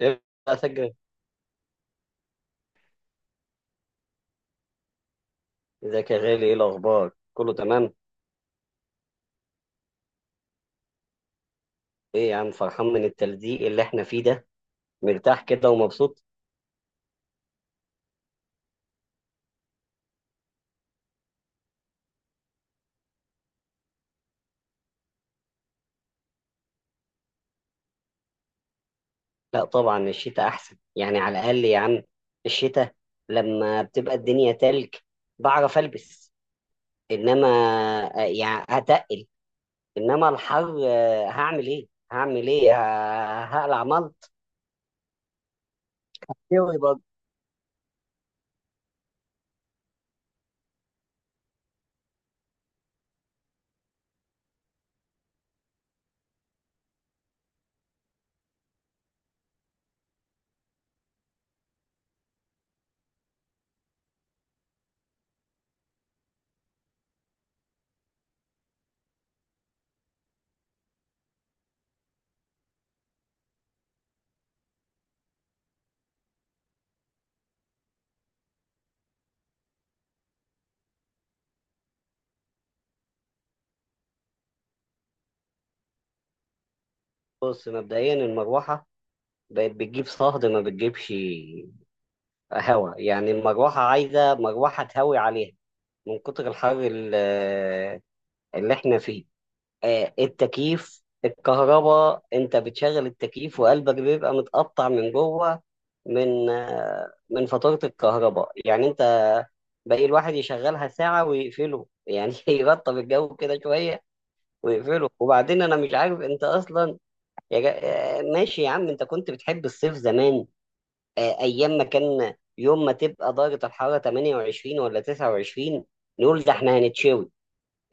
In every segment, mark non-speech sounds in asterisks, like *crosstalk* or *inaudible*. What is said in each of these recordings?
ايه، بقى اسجل. ازيك يا غالي؟ ايه الاخبار، كله تمام؟ ايه يا عم، فرحان من التلزيق اللي احنا فيه ده، مرتاح كده ومبسوط؟ لا طبعا الشتاء احسن، يعني على الاقل يا عم الشتاء لما بتبقى الدنيا تلج بعرف البس. انما يعني هتقل. انما الحر هعمل ايه، هعمل ايه، هقلع ملط. ايه. بص، مبدئيا المروحه بقت بتجيب صهد، ما بتجيبش هوا. يعني المروحة عايزة مروحة تهوي عليها من كتر الحر اللي احنا فيه. التكييف، الكهرباء انت بتشغل التكييف وقلبك بيبقى متقطع من جوه، من فاتورة الكهرباء يعني. انت باقي الواحد يشغلها ساعة ويقفله يعني *laughs* يرطب الجو كده شوية ويقفله. وبعدين انا مش عارف انت اصلا يا جا... ماشي يا عم، انت كنت بتحب الصيف زمان. ايام ما كان يوم ما تبقى درجه الحراره 28 ولا 29 نقول ده احنا هنتشوي.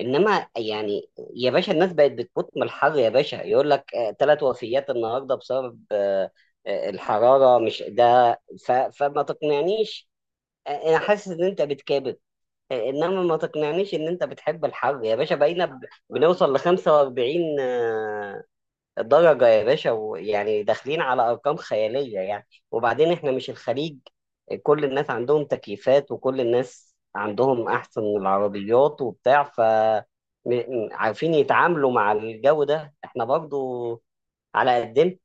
انما يعني يا باشا الناس بقت بتموت من الحر، يا باشا يقول لك 3 وفيات النهارده بسبب الحراره، مش ده. فما تقنعنيش. انا حاسس ان انت بتكابر. انما ما تقنعنيش ان انت بتحب الحر يا باشا. بقينا بنوصل ل 45 الدرجة يا باشا، ويعني داخلين على أرقام خيالية. يعني وبعدين إحنا مش الخليج، كل الناس عندهم تكييفات وكل الناس عندهم أحسن العربيات وبتاع. ف عارفين يتعاملوا مع الجو ده، إحنا برضو على قدنا.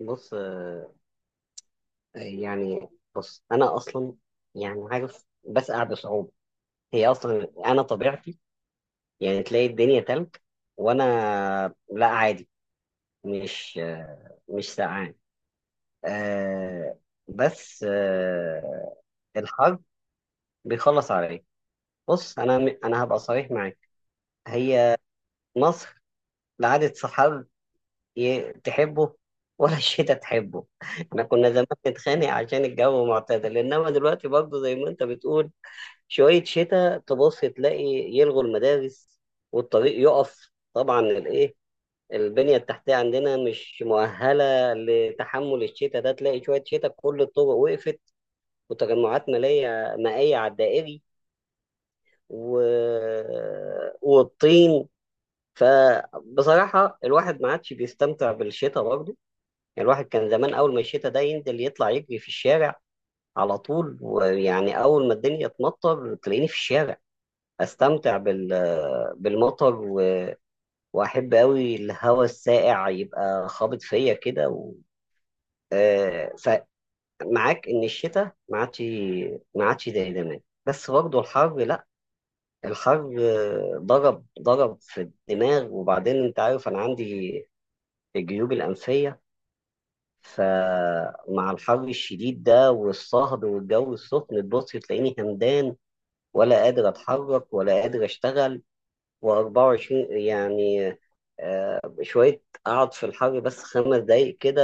بص يعني، بص أنا أصلا يعني عارف بسقع بصعوبة. هي أصلا أنا طبيعتي، يعني تلاقي الدنيا تلج وأنا لا عادي، مش مش سقعان. آه بس الحظ بيخلص عليا. بص انا، انا هبقى صريح معاك، هي مصر لا عادت صحاب تحبه ولا الشتاء تحبه. *laughs* احنا كنا زمان نتخانق عشان الجو معتدل، انما دلوقتي برضه زي ما انت بتقول شوية شتاء تبص تلاقي يلغوا المدارس والطريق يقف. طبعا الايه، البنية التحتية عندنا مش مؤهلة لتحمل الشتاء ده. تلاقي شوية شتاء كل الطرق وقفت، وتجمعات مالية مائية على الدائري و... والطين. فبصراحة الواحد ما عادش بيستمتع بالشتاء برضه. يعني الواحد كان زمان أول ما الشتاء ده ينزل يطلع يجري في الشارع على طول، ويعني أول ما الدنيا تمطر تلاقيني في الشارع أستمتع بالمطر، وأحب أوي الهواء الساقع يبقى خابط فيا كده و... آه، فمعاك إن الشتاء ما عادش زي زمان. بس برضه الحر لا. الحر ضرب ضرب في الدماغ. وبعدين انت عارف انا عندي الجيوب الانفيه، فمع الحر الشديد ده والصهد والجو السخن تبص تلاقيني همدان، ولا قادر اتحرك ولا قادر اشتغل و24 يعني. شويه اقعد في الحر بس 5 دقايق كده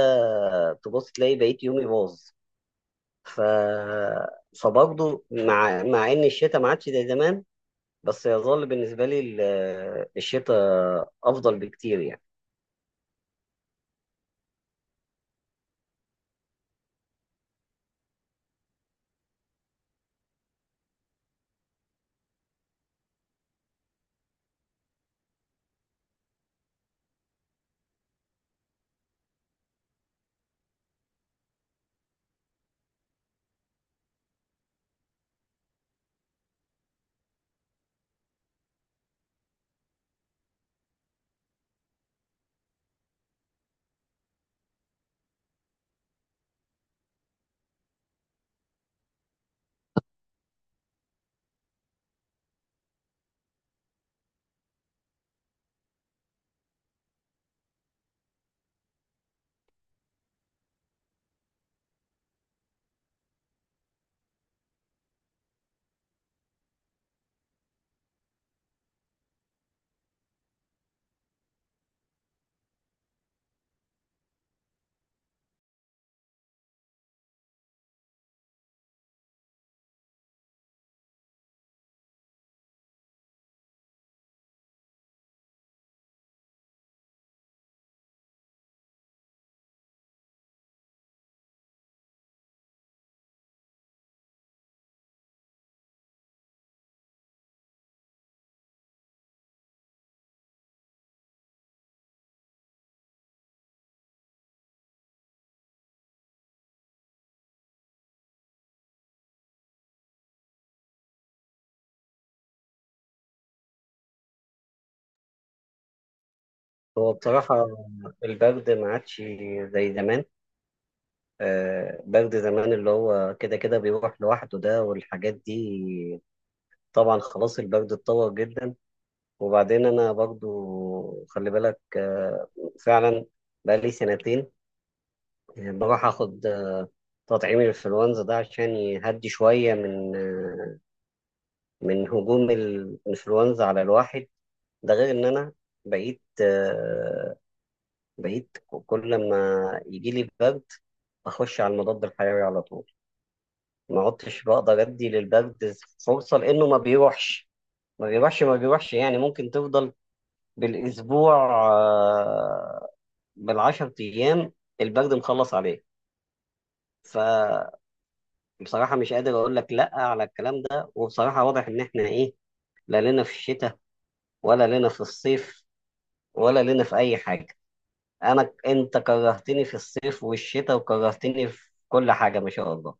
تبص تلاقي بقيت يومي باظ. ف فبرضه مع ان الشتاء ما عادش زي زمان، بس يظل بالنسبة لي الشتاء أفضل بكتير يعني. هو بصراحة البرد ما عادش زي زمان. برد زمان اللي هو كده كده بيروح لوحده ده والحاجات دي. طبعا خلاص البرد اتطور جدا. وبعدين أنا برضو خلي بالك، فعلا بقالي سنتين بروح أخد تطعيم الإنفلونزا ده، عشان يهدي شوية من من هجوم الانفلونزا على الواحد. ده غير ان انا بقيت آه، بقيت كل ما يجي لي برد اخش على المضاد الحيوي على طول. ما عدتش بقدر ادي للبرد فرصه، لانه ما بيروحش ما بيروحش. يعني ممكن تفضل بالاسبوع، آه، بالعشر ايام البرد مخلص عليه. فبصراحه مش قادر اقول لك لا على الكلام ده، وبصراحه واضح ان احنا ايه، لا لنا في الشتاء ولا لنا في الصيف ولا لينا في اي حاجه. انا انت كرهتني في الصيف والشتاء وكرهتني في كل حاجه ما شاء الله.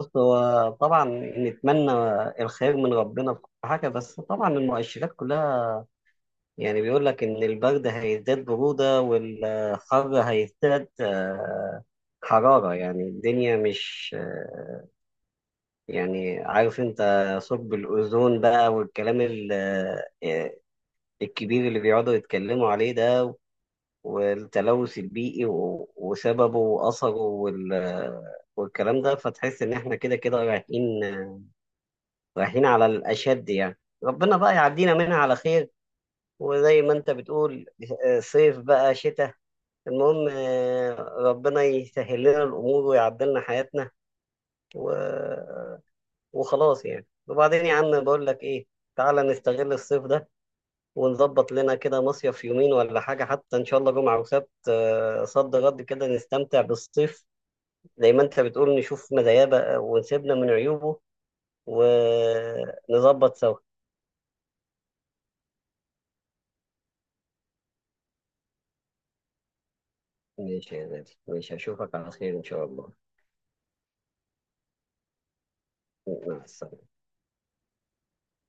بص هو طبعا نتمنى الخير من ربنا في كل حاجه، بس طبعا المؤشرات كلها يعني بيقول لك ان البرد هيزداد بروده والحر هيزداد حراره. يعني الدنيا مش يعني عارف انت، ثقب الاوزون بقى والكلام آه، الكبير اللي بيقعدوا يتكلموا عليه ده، والتلوث البيئي وسببه وأثره والكلام ده. فتحس إن إحنا كده كده رايحين على الأشد يعني. ربنا بقى يعدينا منها على خير. وزي ما أنت بتقول صيف بقى شتاء، المهم ربنا يسهل لنا الأمور ويعدلنا حياتنا و... وخلاص يعني. وبعدين يا عم بقول لك إيه، تعالى نستغل الصيف ده ونظبط لنا كده مصيف يومين ولا حاجة، حتى إن شاء الله جمعة وسبت صد غد كده نستمتع بالصيف. زي ما أنت بتقول نشوف مزاياه بقى ونسيبنا من عيوبه ونظبط سوا. ماشي يا غالي، ماشي أشوفك على خير إن شاء الله. مع السلامة.